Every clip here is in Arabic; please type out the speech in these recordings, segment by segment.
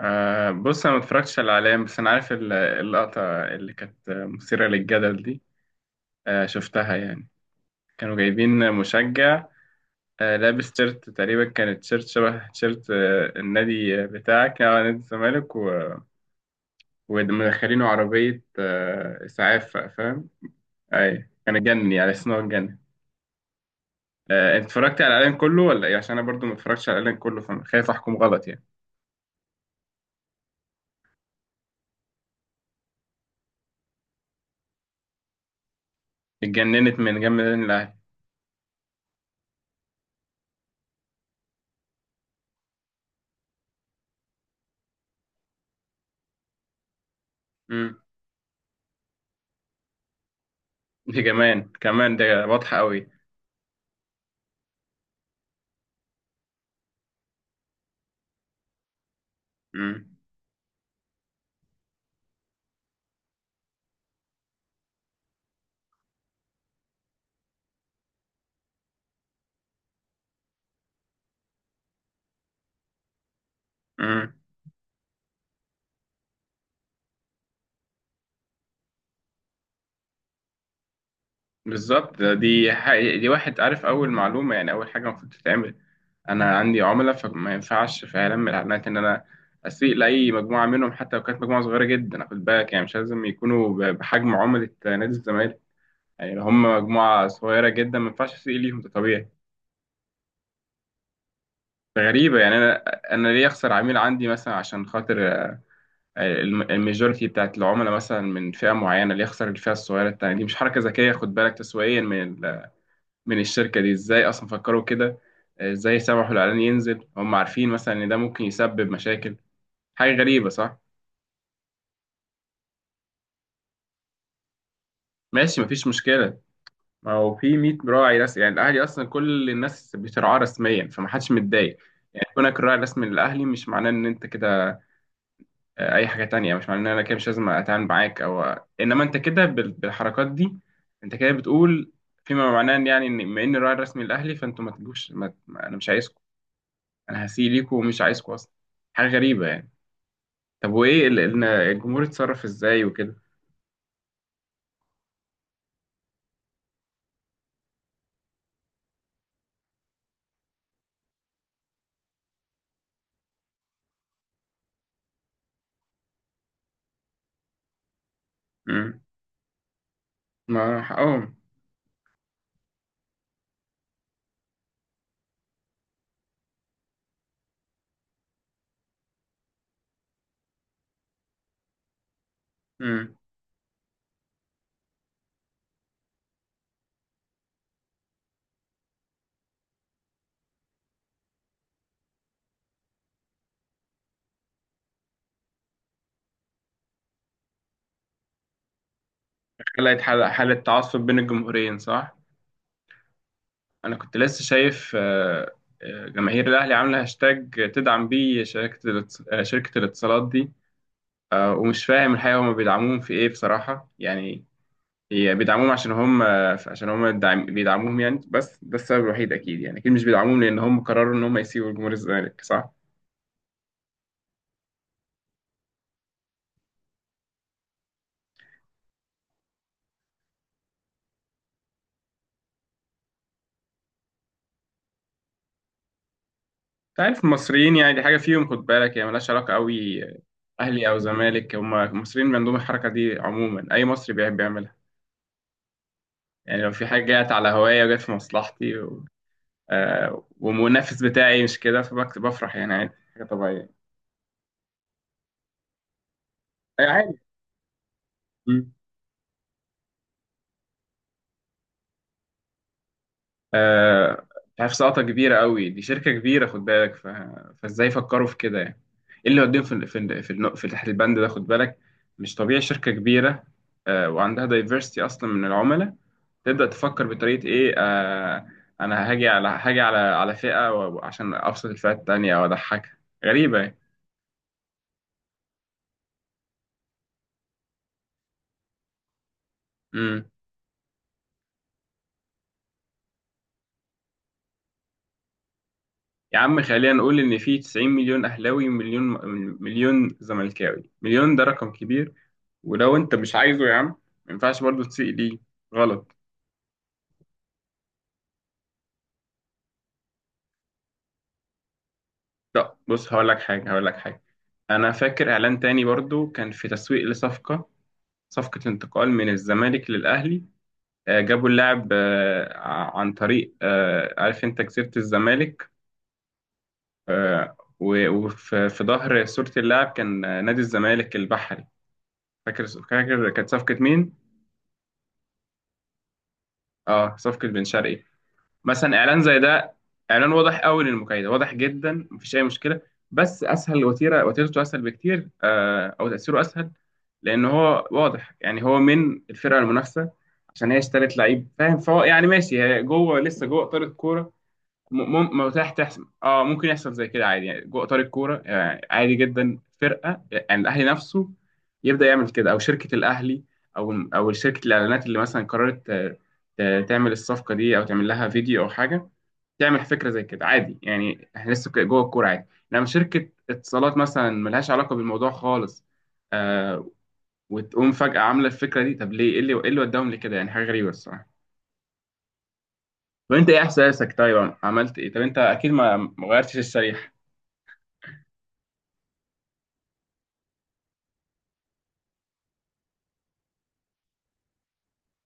بص، انا ما اتفرجتش على الاعلام، بس انا عارف اللقطه اللي كانت مثيره للجدل دي. آه، شفتها يعني. كانوا جايبين مشجع لابس تيشيرت، تقريبا كانت تيشيرت شبه تيشيرت النادي بتاعك، نادي الزمالك ومدخلينه عربيه اسعاف، فاهم. اي كان اتجنن، يعني اسمه اتجنن. انت اتفرجت على الاعلام كله ولا ايه؟ عشان انا برضو ما اتفرجتش على الاعلام كله، فخايف احكم غلط يعني. اتجننت من جنب النادي الاهلي. امم. دي كمان كمان ده واضحه قوي. امم. بالظبط. دي حقيقة. دي واحد عارف، اول معلومه يعني، اول حاجه المفروض تتعمل، انا عندي عملاء، فما ينفعش في اعلان من الاعلانات ان انا اسيء لاي مجموعه منهم، حتى لو كانت مجموعه صغيره جدا، خد بالك، يعني مش لازم يكونوا بحجم عملاء نادي الزمالك. يعني لو هم مجموعه صغيره جدا ما ينفعش اسيء ليهم، ده طبيعي. غريبة يعني. أنا ليه أخسر عميل عندي، مثلا عشان خاطر الميجورتي بتاعت العملاء مثلا من فئة معينة؟ ليه أخسر الفئة الصغيرة التانية دي؟ مش حركة ذكية، خد بالك، تسويقيا، من الشركة دي. ازاي اصلا فكروا كده؟ ازاي سمحوا الاعلان ينزل؟ هم عارفين مثلا ان ده ممكن يسبب مشاكل. حاجة غريبة صح. ماشي، مفيش مشكلة. ما هو في 100 راعي رسمي يعني، الاهلي اصلا كل الناس بترعاه رسميا فمحدش متضايق. يعني كونك الراعي الرسمي للاهلي مش معناه ان انت كده اي حاجة تانية، مش معناه ان انا كده مش لازم اتعامل معاك، او انما انت كده بالحركات دي انت كده بتقول فيما معناه ان يعني، ان بما ان الراعي الرسمي الاهلي فانتوا ما تجوش انا مش عايزكم، انا هسيء ليكم ومش عايزكم اصلا. حاجة غريبة يعني. طب وايه الجمهور اتصرف ازاي وكده؟ امم. ما حقهم. امم. خلقت حالة تعصب بين الجمهورين صح. انا كنت لسه شايف، جماهير الاهلي عامله هاشتاج تدعم بيه شركة الاتصالات دي، ومش فاهم الحقيقة هم بيدعموهم في ايه بصراحة يعني. هي بيدعموهم عشان هم، بيدعموهم يعني، بس ده السبب الوحيد اكيد يعني، اكيد مش بيدعموهم لان هم قرروا ان هم يسيبوا جمهور الزمالك صح. انت عارف المصريين يعني، دي حاجة فيهم خد بالك، هي ملهاش علاقة قوي اهلي او زمالك، هم المصريين عندهم الحركه دي عموما، اي مصري بيحب يعملها. يعني لو في حاجه جت على هوايه وجت في مصلحتي و... آه، والمنافس بتاعي مش كده فبفرح، يعني عادي حاجه طبيعيه. أي عادي. م. آه، مش عارف، سلطة كبيرة قوي دي، شركة كبيرة خد بالك فازاي فكروا في كده يعني؟ ايه اللي وديهم في ال- في ال- في, الن- في تحت البند ده خد بالك. مش طبيعي شركة كبيرة وعندها دايفرستي اصلا من العملاء، تبدأ تفكر بطريقة ايه، انا هاجي على فئة عشان ابسط الفئة التانية او اضحكها. غريبة يعني. يا عم خلينا نقول إن في 90 مليون أهلاوي ومليون زملكاوي، مليون ده رقم كبير. ولو أنت مش عايزه يا عم، ما ينفعش برضه تسيء ليه، غلط. لا بص، هقول لك حاجة، هقول لك حاجة. أنا فاكر إعلان تاني برضه كان في تسويق لصفقة، صفقة انتقال من الزمالك للأهلي. جابوا اللاعب عن طريق، عارف أنت، جزيرة الزمالك، وفي، ظهر صورة اللاعب كان نادي الزمالك البحري. فاكر، فاكر كانت صفقة مين؟ اه، صفقة بن شرقي. مثلا اعلان زي ده، اعلان واضح قوي للمكايدة، واضح جدا مفيش اي مشكلة، بس اسهل وتيرة، وتيرته اسهل بكتير، او تأثيره اسهل، لان هو واضح يعني، هو من الفرقة المنافسة عشان هي اشترت لعيب، فاهم، فهو يعني ماشي، هي جوه لسه جوه اطار الكورة. ما هو تحسم، اه ممكن يحصل زي كده عادي، يعني جوه اطار الكوره يعني عادي جدا، فرقه يعني الاهلي نفسه يبدا يعمل كده او شركه الاهلي، او شركه الاعلانات اللي مثلا قررت تعمل الصفقه دي، او تعمل لها فيديو او حاجه، تعمل فكره زي كده عادي، يعني احنا لسه جوه الكوره عادي. لما شركه اتصالات مثلا ملهاش علاقه بالموضوع خالص، آه وتقوم فجاه عامله الفكره دي، طب ليه؟ ايه اللي، وداهم لكده يعني؟ حاجه غريبه الصراحه. طب انت ايه احساسك طيب؟ عملت ايه؟ طب انت اكيد ما غيرتش الشريحه.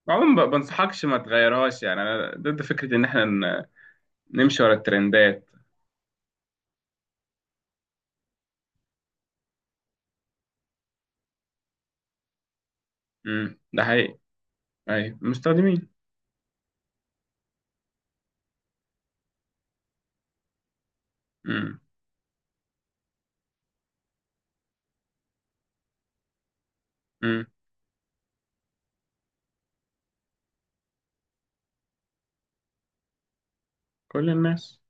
عموما ما بنصحكش ما تغيرهاش يعني، انا ضد فكره ان احنا نمشي ورا الترندات. امم، ده حقيقي. ايوه المستخدمين. امم، امم. كل الناس.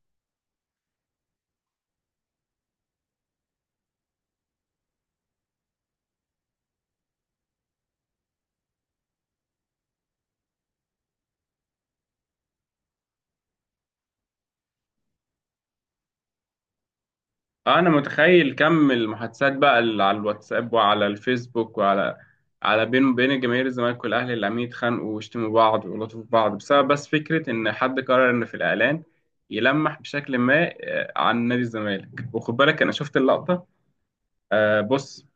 انا متخيل كم المحادثات بقى اللي على الواتساب وعلى الفيسبوك وعلى بين جماهير الزمالك والاهلي اللي عمالين يتخانقوا ويشتموا بعض ويغلطوا في بعض، بسبب بس فكره ان حد قرر ان في الاعلان يلمح بشكل ما عن نادي الزمالك، وخد بالك انا شفت اللقطه، بص.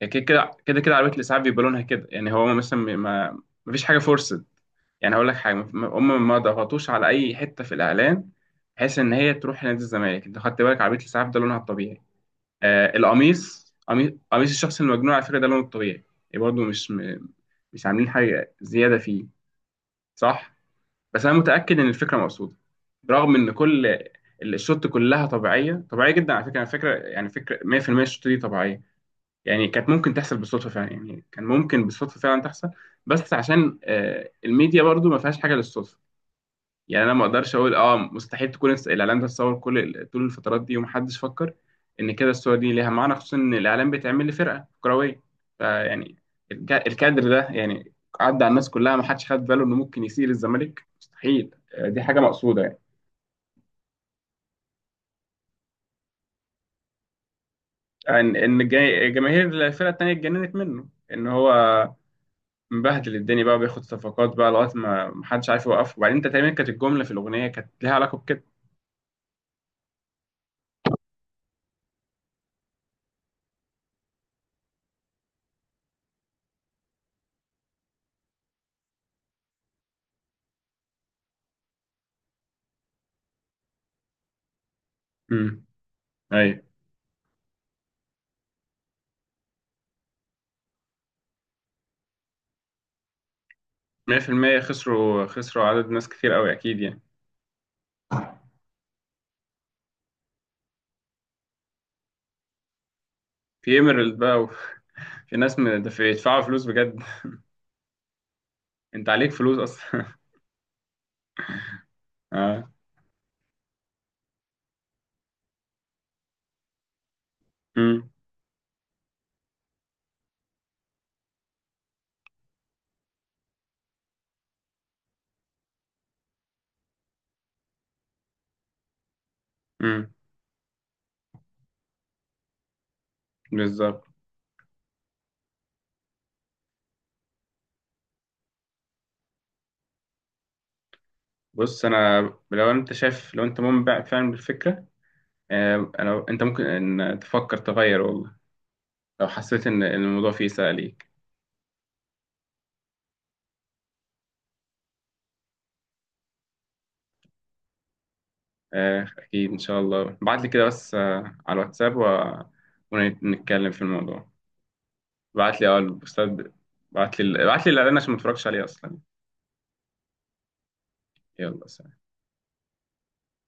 يعني كده كده كده كده عربية الإسعاف بيبقى لونها كده يعني، هو مثلا ما، مفيش حاجة فورسد. يعني هقول لك حاجة، هم ما ضغطوش على أي حتة في الإعلان، بحيث إن هي تروح لنادي الزمالك. أنت خدت بالك عربية الإسعاف ده لونها الطبيعي؟ القميص، قميص الشخص المجنون على فكرة ده لونه الطبيعي، يعني برضه مش، مش عاملين حاجة زيادة فيه، صح. بس أنا متأكد إن الفكرة مقصودة، رغم إن كل الشوت كلها طبيعية، طبيعية جدا على فكرة، على فكرة يعني، فكرة 100% الشوت دي طبيعية، يعني كانت ممكن تحصل بالصدفه فعلا، يعني كان ممكن بالصدفه فعلا تحصل، بس عشان الميديا برضو ما فيهاش حاجه للصدفه. يعني انا ما اقدرش اقول اه، مستحيل تكون الاعلام ده اتصور كل طول الفترات دي ومحدش فكر ان كده الصور دي ليها معنى، خصوصا ان الاعلام بيتعمل لفرقه كرويه، فيعني الكادر ده يعني عدى على الناس كلها، ما حدش خد باله انه ممكن يسيء للزمالك، مستحيل، دي حاجه مقصوده يعني. ان، جماهير الفرقه التانيه اتجننت منه، ان هو مبهدل الدنيا بقى وبياخد صفقات بقى لغايه ما محدش عارف يوقفه، وبعدين انت تقريبا كانت الجمله في الاغنيه كانت ليها علاقه بكده. امم، ايوه، 100% خسروا، خسروا عدد ناس كتير قوي اكيد يعني. في ايميرالد بقى وفي ناس، ده في يدفعوا فلوس بجد انت عليك فلوس اصلا اه. امم، امم، بالظبط. بص، انا لو انت شايف، لو انت مؤمن بقى فعلا بالفكره، انت ممكن ان تفكر تغير والله، لو حسيت ان الموضوع فيه سهل. أكيد إن شاء الله، ابعت لي كده بس على الواتساب ونتكلم في الموضوع. ابعت لي أه البوستات، ابعت لي الإعلان عشان ما اتفرجش عليه أصلا. يلا سلام.